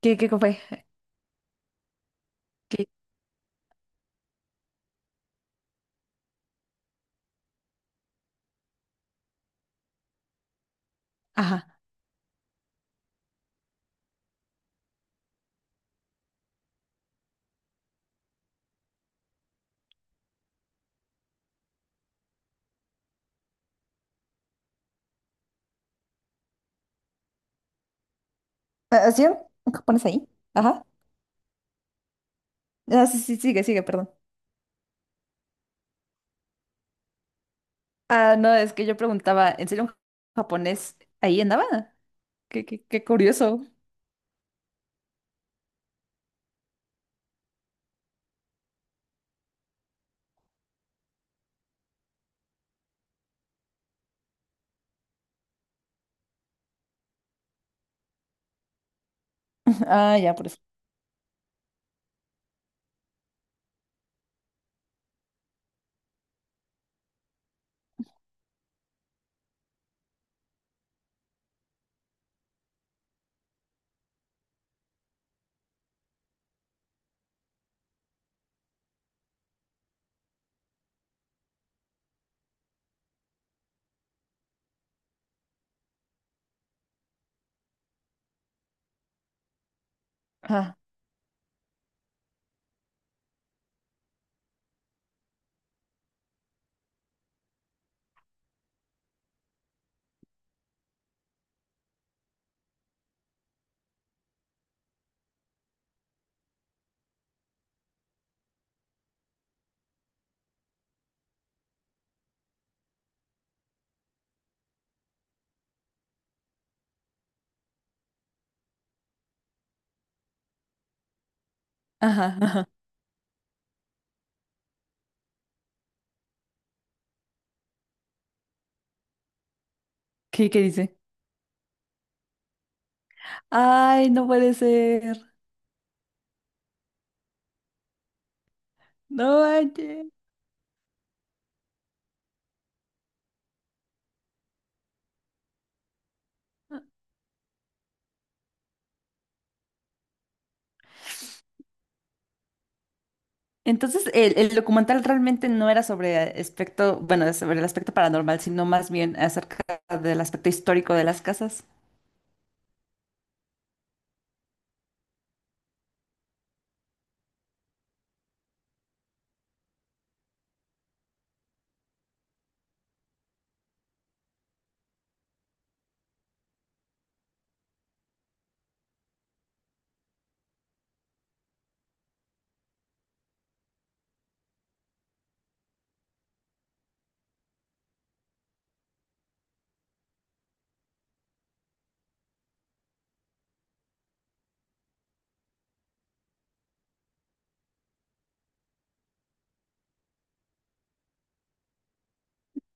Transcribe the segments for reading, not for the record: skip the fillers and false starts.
¿Qué, qué fue? ¿Qué? Ajá. ¿Así? ¿Qué pones ahí? Ajá. Ah, sí, sí, sigue, sigue, perdón. Ah, no, es que yo preguntaba, ¿en serio un japonés ahí andaba? Qué, qué, qué curioso. Ah, ya, por eso. Ajá. Ajá, ajá. ¿Qué, qué dice? Ay, no puede ser. No manches. Entonces, el documental realmente no era sobre aspecto, bueno, sobre el aspecto paranormal, sino más bien acerca del aspecto histórico de las casas.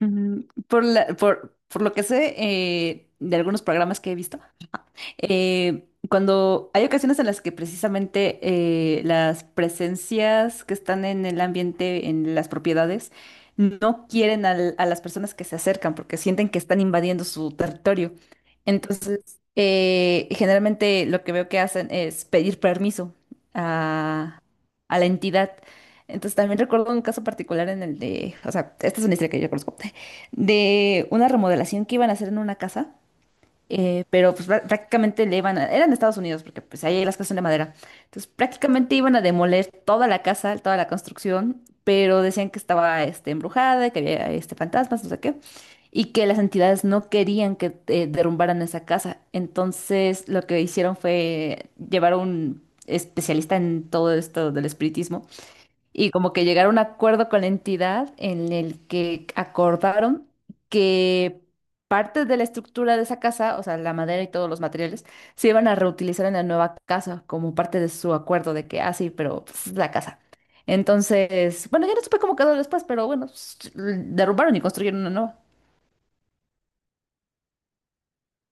Ujú. Por lo que sé de algunos programas que he visto, cuando hay ocasiones en las que precisamente las presencias que están en el ambiente, en las propiedades, no quieren a las personas que se acercan porque sienten que están invadiendo su territorio. Entonces, generalmente lo que veo que hacen es pedir permiso a, a la entidad. Entonces, también recuerdo un caso particular en el de, o sea, esta es una historia que yo conozco, de una remodelación que iban a hacer en una casa pero pues prácticamente le iban a, eran de Estados Unidos, porque pues ahí las casas son de madera. Entonces prácticamente iban a demoler toda la casa, toda la construcción, pero decían que estaba este, embrujada, que había este, fantasmas, no sé qué, y que las entidades no querían que derrumbaran esa casa. Entonces lo que hicieron fue llevar a un especialista en todo esto del espiritismo y como que llegaron a un acuerdo con la entidad en el que acordaron que partes de la estructura de esa casa, o sea, la madera y todos los materiales, se iban a reutilizar en la nueva casa como parte de su acuerdo de que, ah, sí, pero pues, es la casa. Entonces, bueno, ya no supe cómo quedó después, pero bueno, pues, derrumbaron y construyeron una nueva.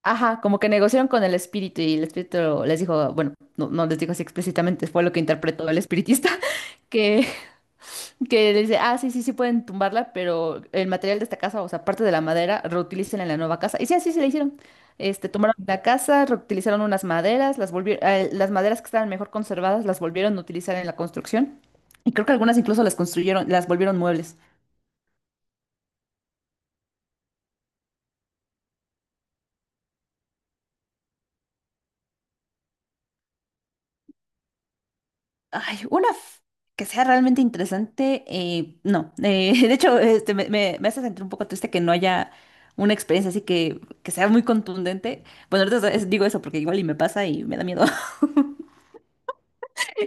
Ajá, como que negociaron con el espíritu y el espíritu les dijo, bueno, no, no les dijo así explícitamente, fue lo que interpretó el espiritista, que Que le dice, ah, sí, sí, sí pueden tumbarla, pero el material de esta casa, o sea, parte de la madera, reutilicen en la nueva casa. Y sí, así se le hicieron. Este, tomaron la casa, reutilizaron unas maderas, las volvieron, las maderas que estaban mejor conservadas, las volvieron a utilizar en la construcción. Y creo que algunas incluso las construyeron, las volvieron muebles. Ay, que sea realmente interesante, no. De hecho, este, me hace sentir un poco triste que no haya una experiencia así que sea muy contundente. Bueno, ahorita digo eso porque igual y me pasa y me da miedo.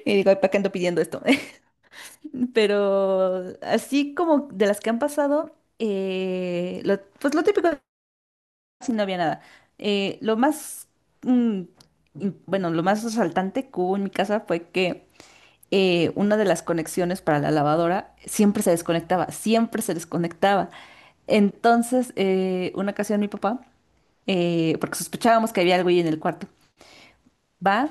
Y digo, ¿para qué ando pidiendo esto? Pero así como de las que han pasado, pues lo típico, si no había nada. Lo más, mm, bueno, lo más resaltante que hubo en mi casa fue que una de las conexiones para la lavadora siempre se desconectaba, siempre se desconectaba. Entonces, una ocasión mi papá, porque sospechábamos que había algo ahí en el cuarto, va,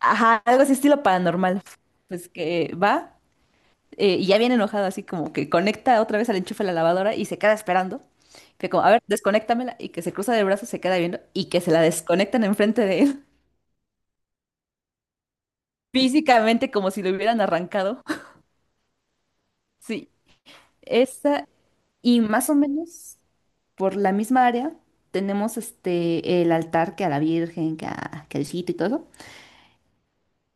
ajá, algo así estilo paranormal, pues que va. Y ya viene enojado, así como que conecta otra vez al enchufe de la lavadora y se queda esperando. Que como, a ver, desconéctamela y que se cruza de brazos, se queda viendo y que se la desconectan enfrente de él, físicamente como si lo hubieran arrancado. Sí, esa y más o menos por la misma área tenemos este el altar que a la Virgen, que a, que al Cito y todo eso.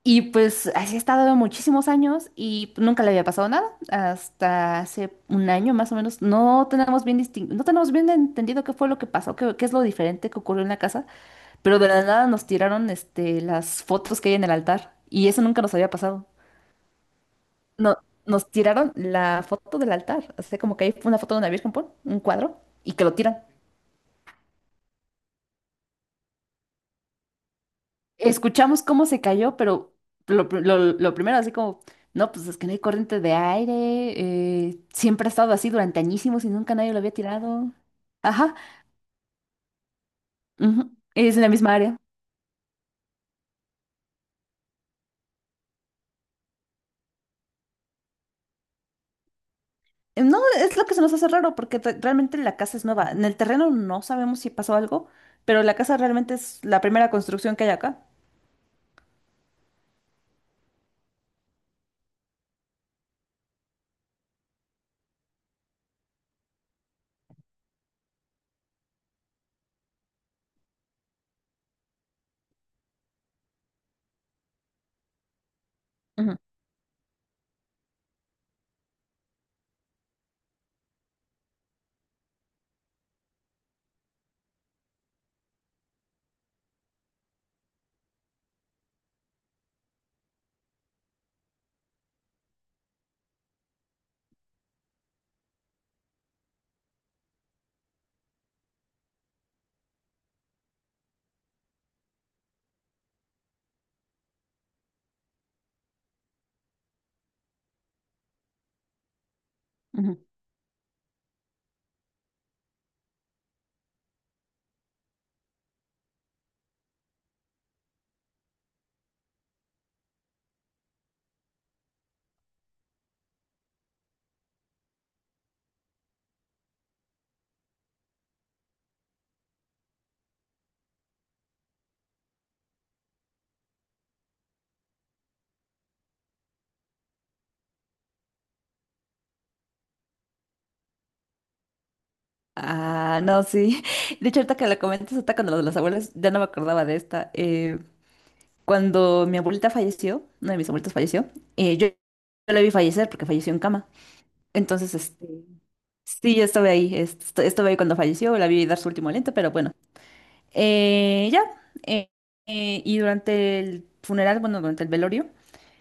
Y pues así he estado muchísimos años y nunca le había pasado nada. Hasta hace un año más o menos. No tenemos no tenemos bien entendido qué fue lo que pasó, qué, qué es lo diferente que ocurrió en la casa, pero de la nada nos tiraron este, las fotos que hay en el altar. Y eso nunca nos había pasado. No, nos tiraron la foto del altar. O sea, como que hay una foto de una virgen, pon, un cuadro, y que lo tiran. Escuchamos cómo se cayó, pero lo primero, así como, no, pues es que no hay corriente de aire, siempre ha estado así durante añísimos y nunca nadie lo había tirado. Ajá, ujú, es en la misma área. No, es lo que se nos hace raro, porque realmente la casa es nueva. En el terreno no sabemos si pasó algo, pero la casa realmente es la primera construcción que hay acá. Ujú, ujú. Ah, no, sí. De hecho, ahorita que la comentas, hasta cuando lo de las abuelas, ya no me acordaba de esta. Cuando mi abuelita falleció, uno de mis abuelitos falleció, yo la vi fallecer porque falleció en cama. Entonces, este, sí, yo estuve ahí, estuve ahí cuando falleció, la vi dar su último aliento, pero bueno. Eh, ya, eh, y durante el funeral, bueno, durante el velorio,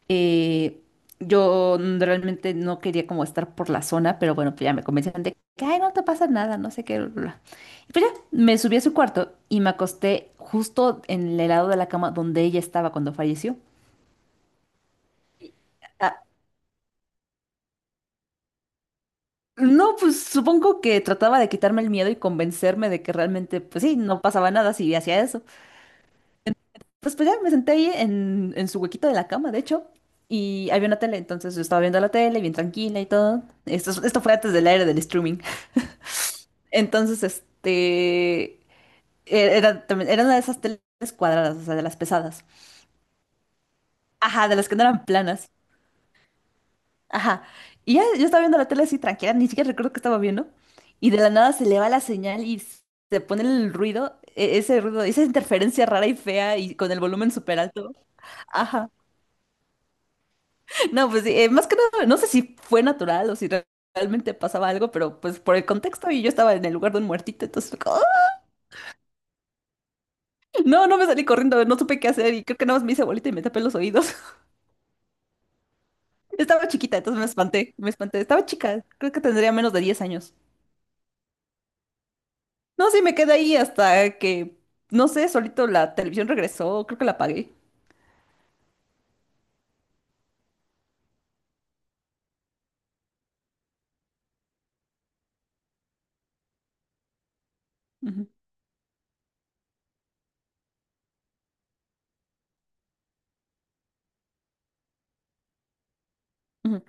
eh, yo realmente no quería como estar por la zona, pero bueno, pues ya me convencieron de que, ay, no te pasa nada, no sé qué, bla, bla, bla". Y pues ya, me subí a su cuarto y me acosté justo en el lado de la cama donde ella estaba cuando falleció. Ah, no, pues supongo que trataba de quitarme el miedo y convencerme de que realmente, pues sí, no pasaba nada si hacía eso. Pues ya me senté ahí en su huequito de la cama, de hecho, y había una tele, entonces yo estaba viendo la tele bien tranquila y todo. Esto, esto fue antes del aire del streaming. Entonces, este, era una de esas teles cuadradas, o sea, de las pesadas. Ajá, de las que no eran planas. Ajá. Y ya yo estaba viendo la tele así tranquila, ni siquiera recuerdo que estaba viendo. Y de la nada se le va la señal y se pone el ruido, ese ruido, esa interferencia rara y fea y con el volumen súper alto. Ajá. No, pues sí, más que nada, no sé si fue natural o si realmente pasaba algo, pero pues por el contexto y yo estaba en el lugar de un muertito, entonces fue como, ¡ah! No, no me salí corriendo, no supe qué hacer y creo que nada más me hice bolita y me tapé los oídos. Estaba chiquita, entonces me espanté, me espanté. Estaba chica, creo que tendría menos de 10 años. No, sí, me quedé ahí hasta que, no sé, solito la televisión regresó, creo que la apagué. Ujú, ujú,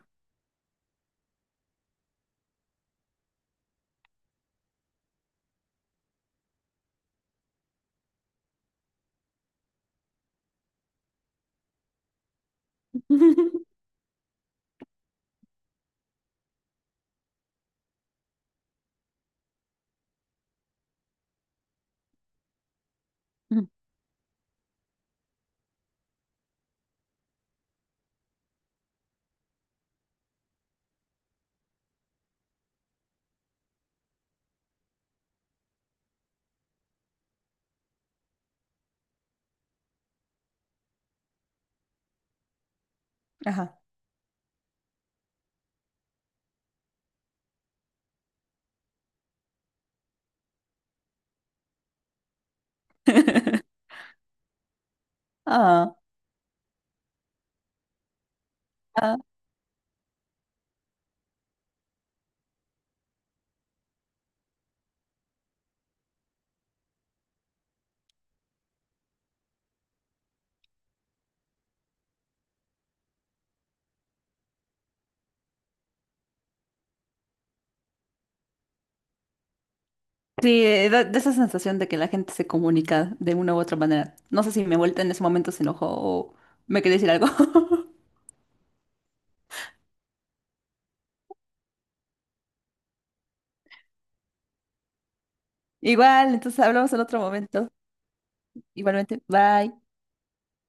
ujú, ujú, ajá. Ah, ah. Sí, da esa sensación de que la gente se comunica de una u otra manera. No sé si mi abuelita en ese momento se enojó o me quería decir algo. Igual, entonces hablamos en otro momento. Igualmente, bye.